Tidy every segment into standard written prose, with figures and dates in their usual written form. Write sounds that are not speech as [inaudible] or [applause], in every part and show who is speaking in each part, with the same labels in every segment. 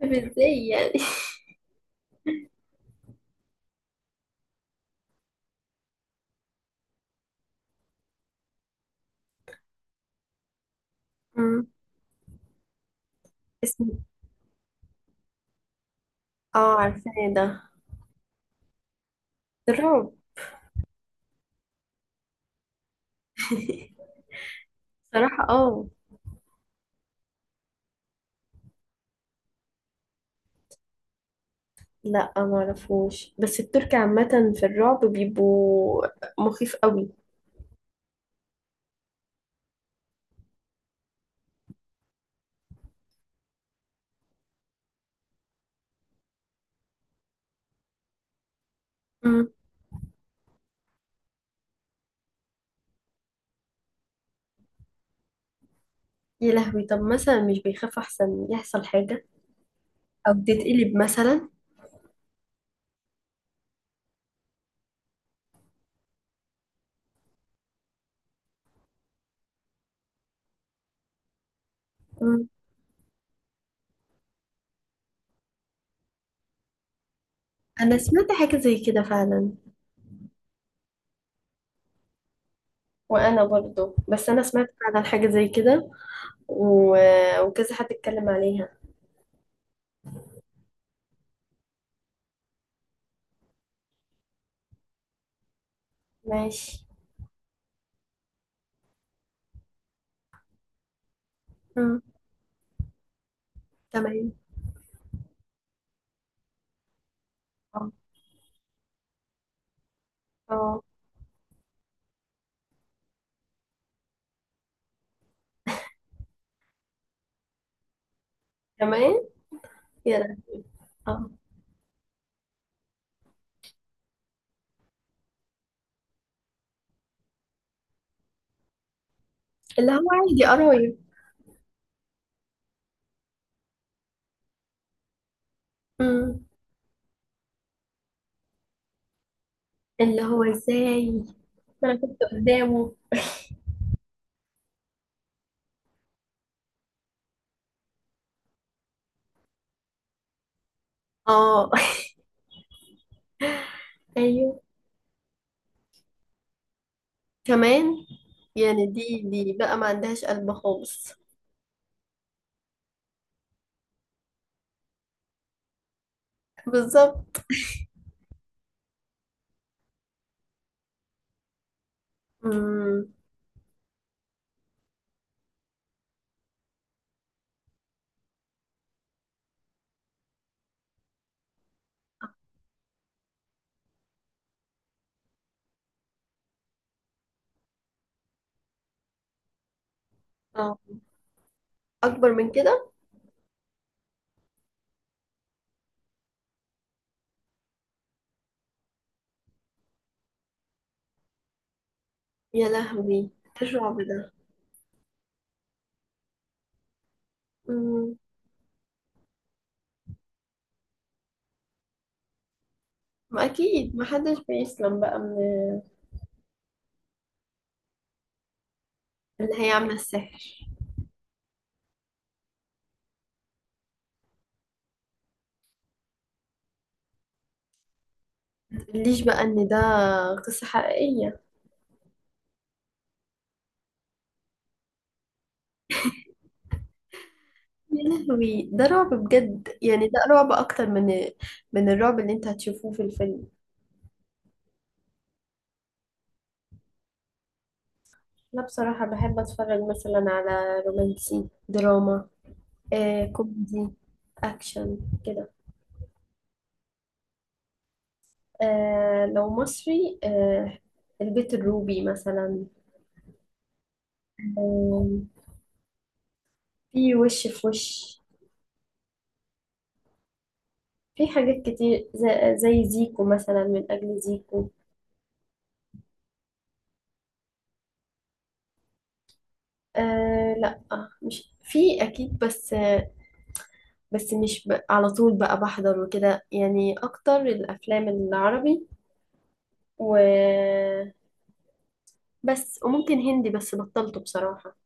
Speaker 1: طب ازاي يعني؟ [laughs] مم. اسمه. اه، عارفاه ده. الرعب. [laughs] صراحة اه. لا، ما اعرفوش، بس الترك عامة في الرعب بيبقوا مخيف قوي. مم. يا لهوي، طب مثلا مش بيخاف احسن يحصل حاجة او بتتقلب مثلا؟ مم. انا سمعت حاجه زي كده فعلا. وانا برضو، بس انا سمعت فعلا حاجه زي كده. و... وكذا حد اتكلم عليها. ماشي. مم. تمام. اه. آه. تمام. يلا. آه. اللي هو عادي، قرايب. مم. اللي هو ازاي؟ ما انا كنت قدامه. اه. [laughs] ايوه. كمان. يعني دي بقى ما عندهاش قلب خالص. بالظبط. مم. اه، اكبر من كده. يا لهوي. تشعر ده. مم. ما أكيد محدش بيسلم بقى من. اللي هي عاملة السحر. متقوليش بقى إن ده قصة حقيقية؟ يا لهوي، ده رعب بجد، يعني ده رعب أكتر من الرعب اللي أنت هتشوفوه في الفيلم. أنا بصراحة بحب أتفرج مثلا على رومانسي، دراما، كوميدي، أكشن كده. لو مصري، البيت الروبي مثلا. آه، في وش في وش. في حاجات كتير زي زيكو مثلا، من أجل زيكو. لا، مش في، أكيد، بس. بس مش على طول بقى بحضر وكده، يعني أكتر الأفلام العربي. و بس وممكن هندي، بس بطلته بصراحة.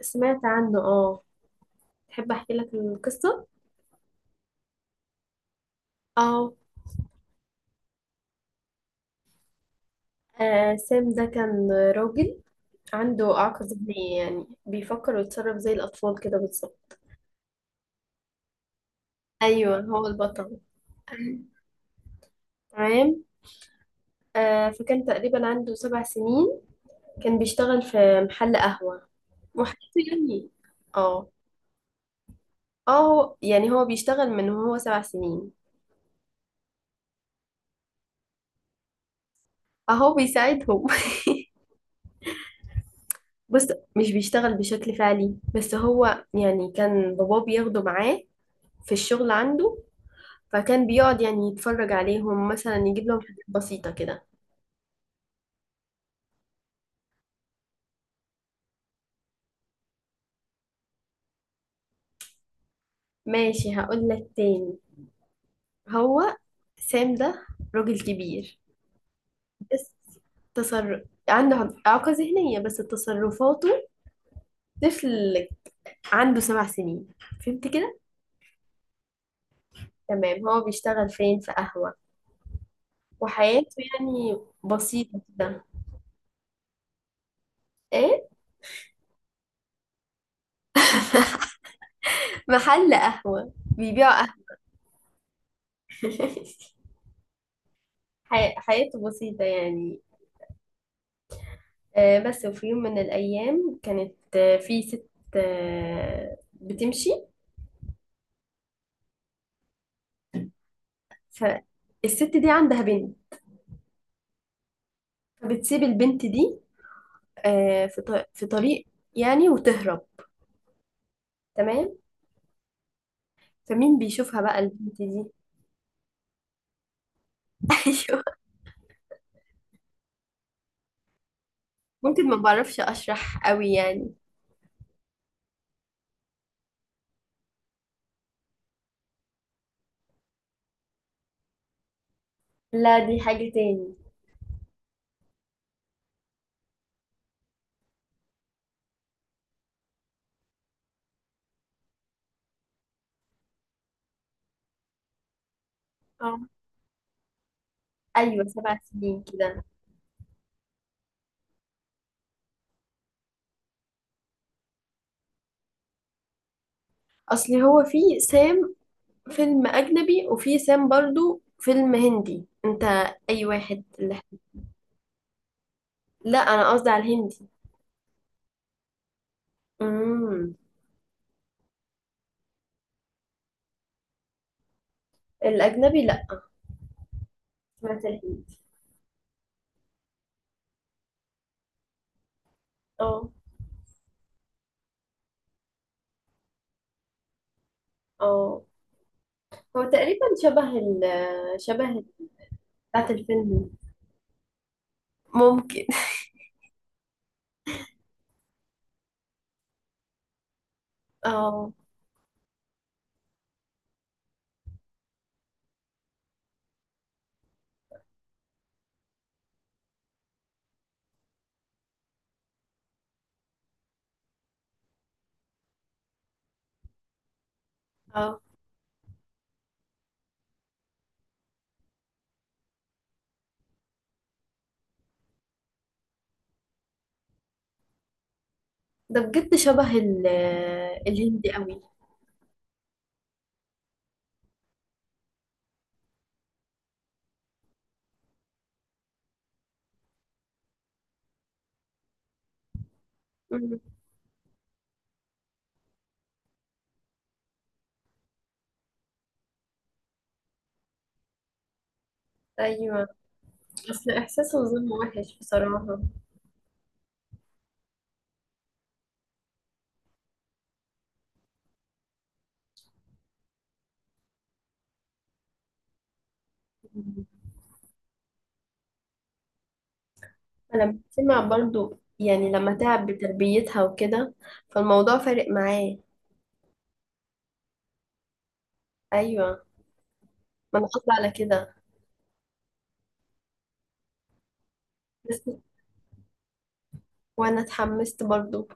Speaker 1: سمعت عنه، اه. تحب أحكي لك القصة؟ اه. سام ده كان راجل عنده إعاقة ذهنية، يعني بيفكر ويتصرف زي الأطفال كده بالظبط. أيوه، هو البطل. تمام. فكان تقريبا عنده 7 سنين. كان بيشتغل في محل قهوة. وحياته يعني. اه. اه. هو يعني هو بيشتغل من وهو 7 سنين. اهو بيساعدهم. [laughs] بص. مش بيشتغل بشكل فعلي، بس هو يعني كان باباه بياخده معاه في الشغل عنده. فكان بيقعد، يعني يتفرج عليهم مثلا، يجيب لهم حاجات بسيطة كده. ماشي، هقول لك تاني. هو سام ده راجل كبير. بس تصرف. عنده إعاقة ذهنية، بس تصرفاته طفل. عنده 7 سنين. فهمت كده؟ تمام. هو بيشتغل فين؟ في قهوة. وحياته يعني بسيطة كده. ايه. محل قهوة. بيبيعوا قهوة. [laughs] حياته بسيطة يعني. بس وفي يوم من الأيام كانت، في ست بتمشي. فالست دي عندها بنت. فبتسيب البنت دي في في طريق، يعني وتهرب. تمام. فمين بيشوفها بقى البنت دي؟ [laughs] ممكن ما بعرفش اشرح قوي يعني. لا، دي حاجة تاني. اه. ايوه، 7 سنين كده. اصلي هو في سام فيلم اجنبي، وفي سام برضو فيلم هندي، انت. اي واحد اللي... لا، انا قصدي على الهندي. امم. الاجنبي، لا. سمعت الهندي. اه. اه. هو تقريبا شبه بتاعت الفيلم. ممكن. [laughs] اه. اه. ده بجد شبه الهندي قوي. مم. أيوة. بس إحساس الظلم وحش بصراحة. مم. أنا بسمع برضو، يعني لما تعب بتربيتها وكده فالموضوع فارق معاه. أيوة. ما أنا قصدي على كده، بس وأنا اتحمست برضو.